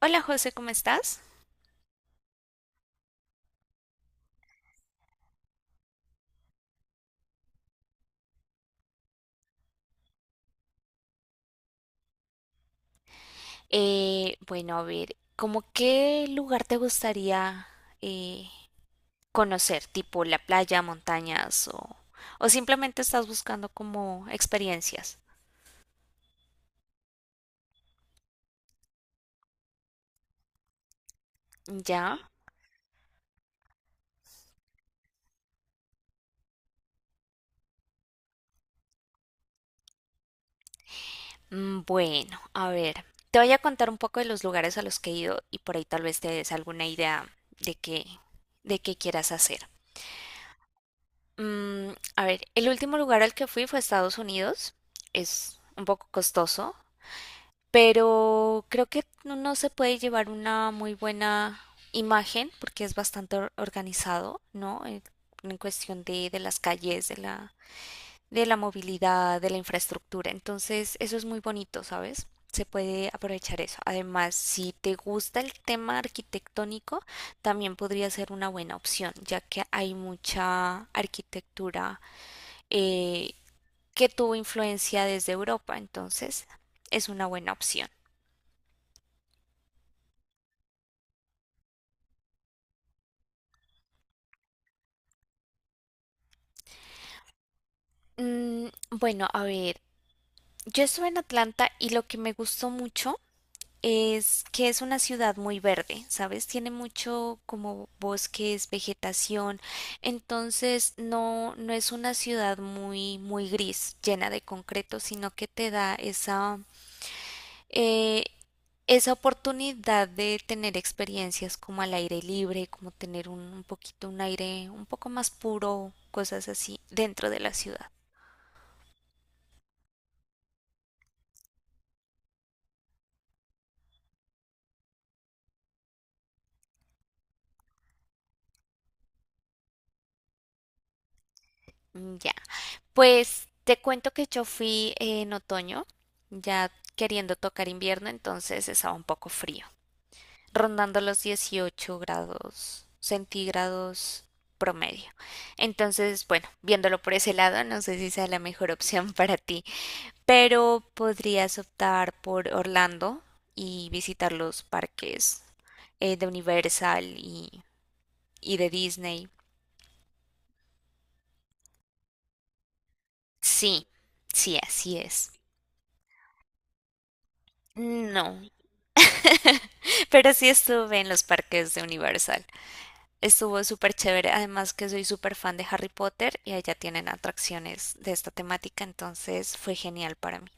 Hola José, ¿cómo estás? Bueno, a ver, ¿cómo qué lugar te gustaría eh, conocer? ¿Tipo la playa, montañas o simplemente estás buscando como experiencias? ¿Ya? Mm, bueno, a ver, te voy a contar un poco de los lugares a los que he ido y por ahí tal vez te des alguna idea de qué, de qué quieras hacer. Mm, a ver, el último lugar al que fui fue a Estados Unidos. Es un poco costoso, pero creo que no se puede llevar una muy buena imagen porque es bastante organizado, ¿no? En cuestión de las calles, de la movilidad, de la infraestructura. Entonces, eso es muy bonito, ¿sabes? Se puede aprovechar eso. Además, si te gusta el tema arquitectónico, también podría ser una buena opción, ya que hay mucha arquitectura eh, que tuvo influencia desde Europa. Entonces, es una buena opción. Mm, bueno, a ver, yo estuve en Atlanta y lo que me gustó mucho es que es una ciudad muy verde, ¿sabes? Tiene mucho como bosques, vegetación, entonces no es una ciudad muy gris, llena de concreto, sino que te da esa, eh, esa oportunidad de tener experiencias como al aire libre, como tener un poquito un aire un poco más puro, cosas así, dentro de la ciudad. Mm, ya. Pues te cuento que yo fui en otoño, ya queriendo tocar invierno, entonces estaba un poco frío, rondando los 18 grados centígrados promedio. Entonces, bueno, viéndolo por ese lado, no sé si sea la mejor opción para ti, pero podrías optar por Orlando y visitar los parques de Universal y de Disney. Sí, sí, así es. No, pero sí estuve en los parques de Universal. Estuvo súper chévere. Además que soy súper fan de Harry Potter y allá tienen atracciones de esta temática, entonces fue genial para mí.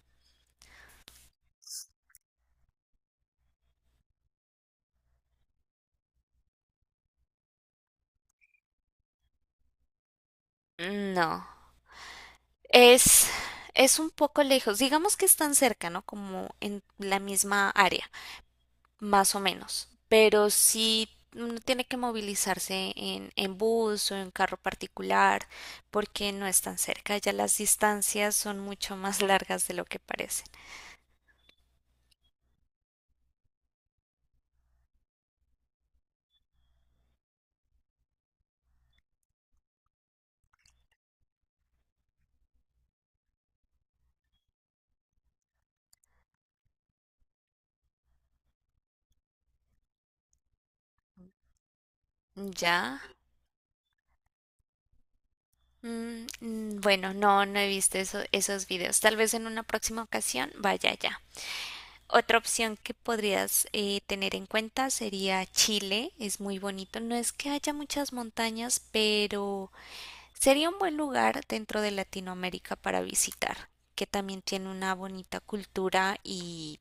Mm, no, es, es un poco lejos. Digamos que están cerca, ¿no? Como en la misma área, más o menos. Pero sí uno tiene que movilizarse en bus o en carro particular porque no es tan cerca. Ya las distancias son mucho más largas de lo que parecen. Ya. Mm, mm, bueno, no he visto esos videos. Tal vez en una próxima ocasión vaya allá. Otra opción que podrías tener en cuenta sería Chile. Es muy bonito. No es que haya muchas montañas, pero sería un buen lugar dentro de Latinoamérica para visitar, que también tiene una bonita cultura y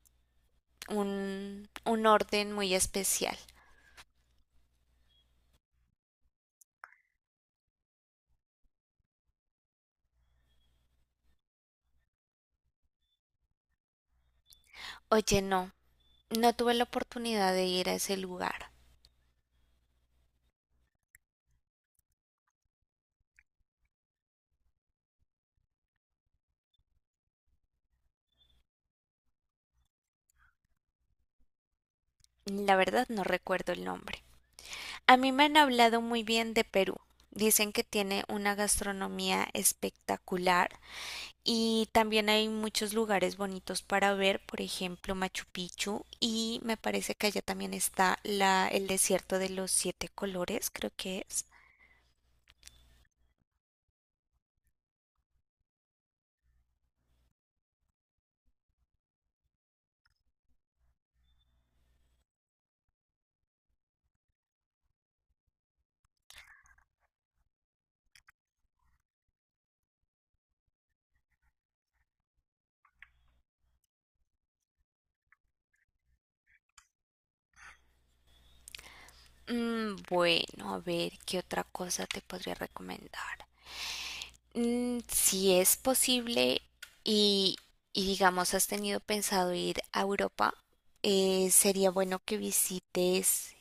un orden muy especial. Oye, no, no tuve la oportunidad de ir a ese lugar. La verdad no recuerdo el nombre. A mí me han hablado muy bien de Perú. Dicen que tiene una gastronomía espectacular y también hay muchos lugares bonitos para ver, por ejemplo, Machu Picchu y me parece que allá también está el desierto de los siete colores, creo que es. Mm, bueno, a ver, ¿qué otra cosa te podría recomendar? Mm, si es posible y, y digamos has tenido pensado ir a Europa, sería bueno que visites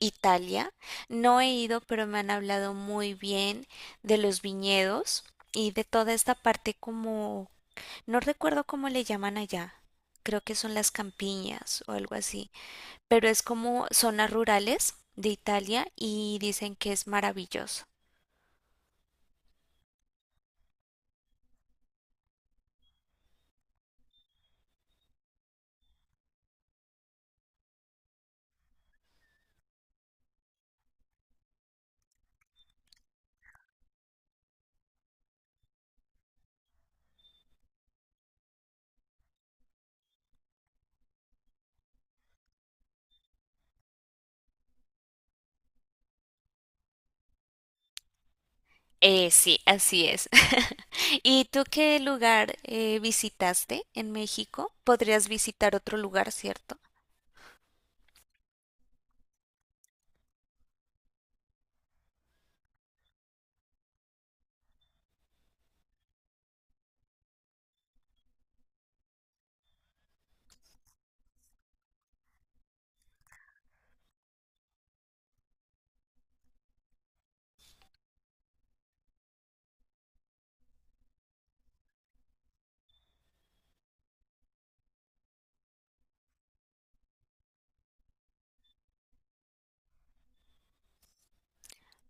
Italia. No he ido, pero me han hablado muy bien de los viñedos y de toda esta parte como, no recuerdo cómo le llaman allá. Creo que son las campiñas o algo así, pero es como zonas rurales de Italia y dicen que es maravilloso. Sí, así es. ¿Y tú qué lugar visitaste en México? Podrías visitar otro lugar, ¿cierto?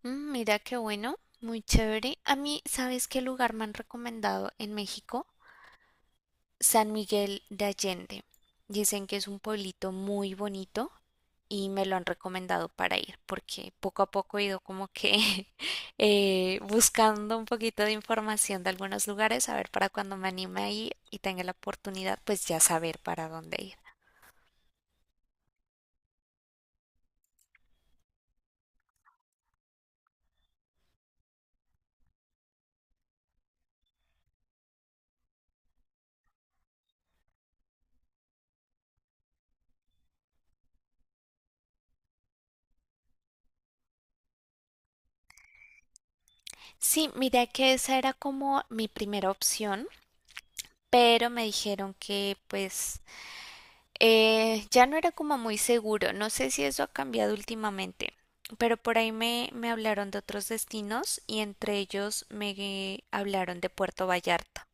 Mm, mira qué bueno, muy chévere. A mí, ¿sabes qué lugar me han recomendado en México? San Miguel de Allende. Dicen que es un pueblito muy bonito y me lo han recomendado para ir porque poco a poco he ido como que buscando un poquito de información de algunos lugares, a ver para cuando me anime a ir y tenga la oportunidad, pues ya saber para dónde ir. Sí, mira que esa era como mi primera opción, pero me dijeron que pues eh, ya no era como muy seguro, no sé si eso ha cambiado últimamente, pero por ahí me hablaron de otros destinos y entre ellos me hablaron de Puerto Vallarta.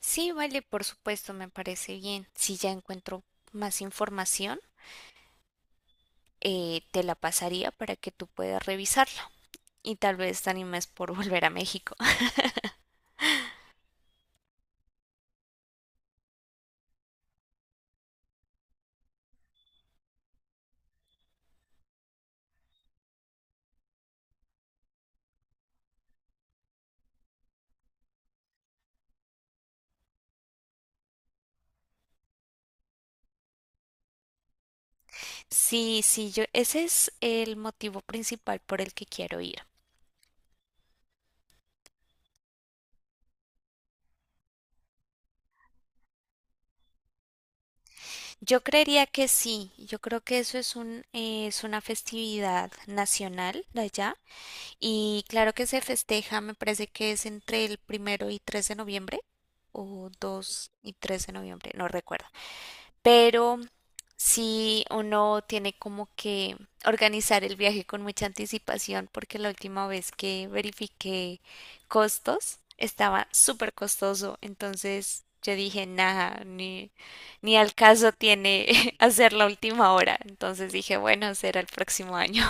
Sí, vale, por supuesto, me parece bien. Si ya encuentro más información, te la pasaría para que tú puedas revisarla y tal vez te animes por volver a México. Sí, sí, yo, ese es el motivo principal por el que quiero ir. Yo creería que sí, yo creo que eso es es una festividad nacional de allá y claro que se festeja, me parece que es entre el 1 y 3 de noviembre o 2 y 3 de noviembre, no recuerdo, pero sí uno tiene como que organizar el viaje con mucha anticipación porque la última vez que verifiqué costos estaba súper costoso, entonces yo dije, nada, ni al caso tiene hacer la última hora, entonces dije, bueno, será el próximo año.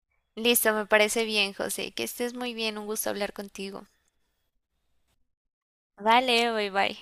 Listo, me parece bien, José, que estés muy bien, un gusto hablar contigo. Vale, bye bye.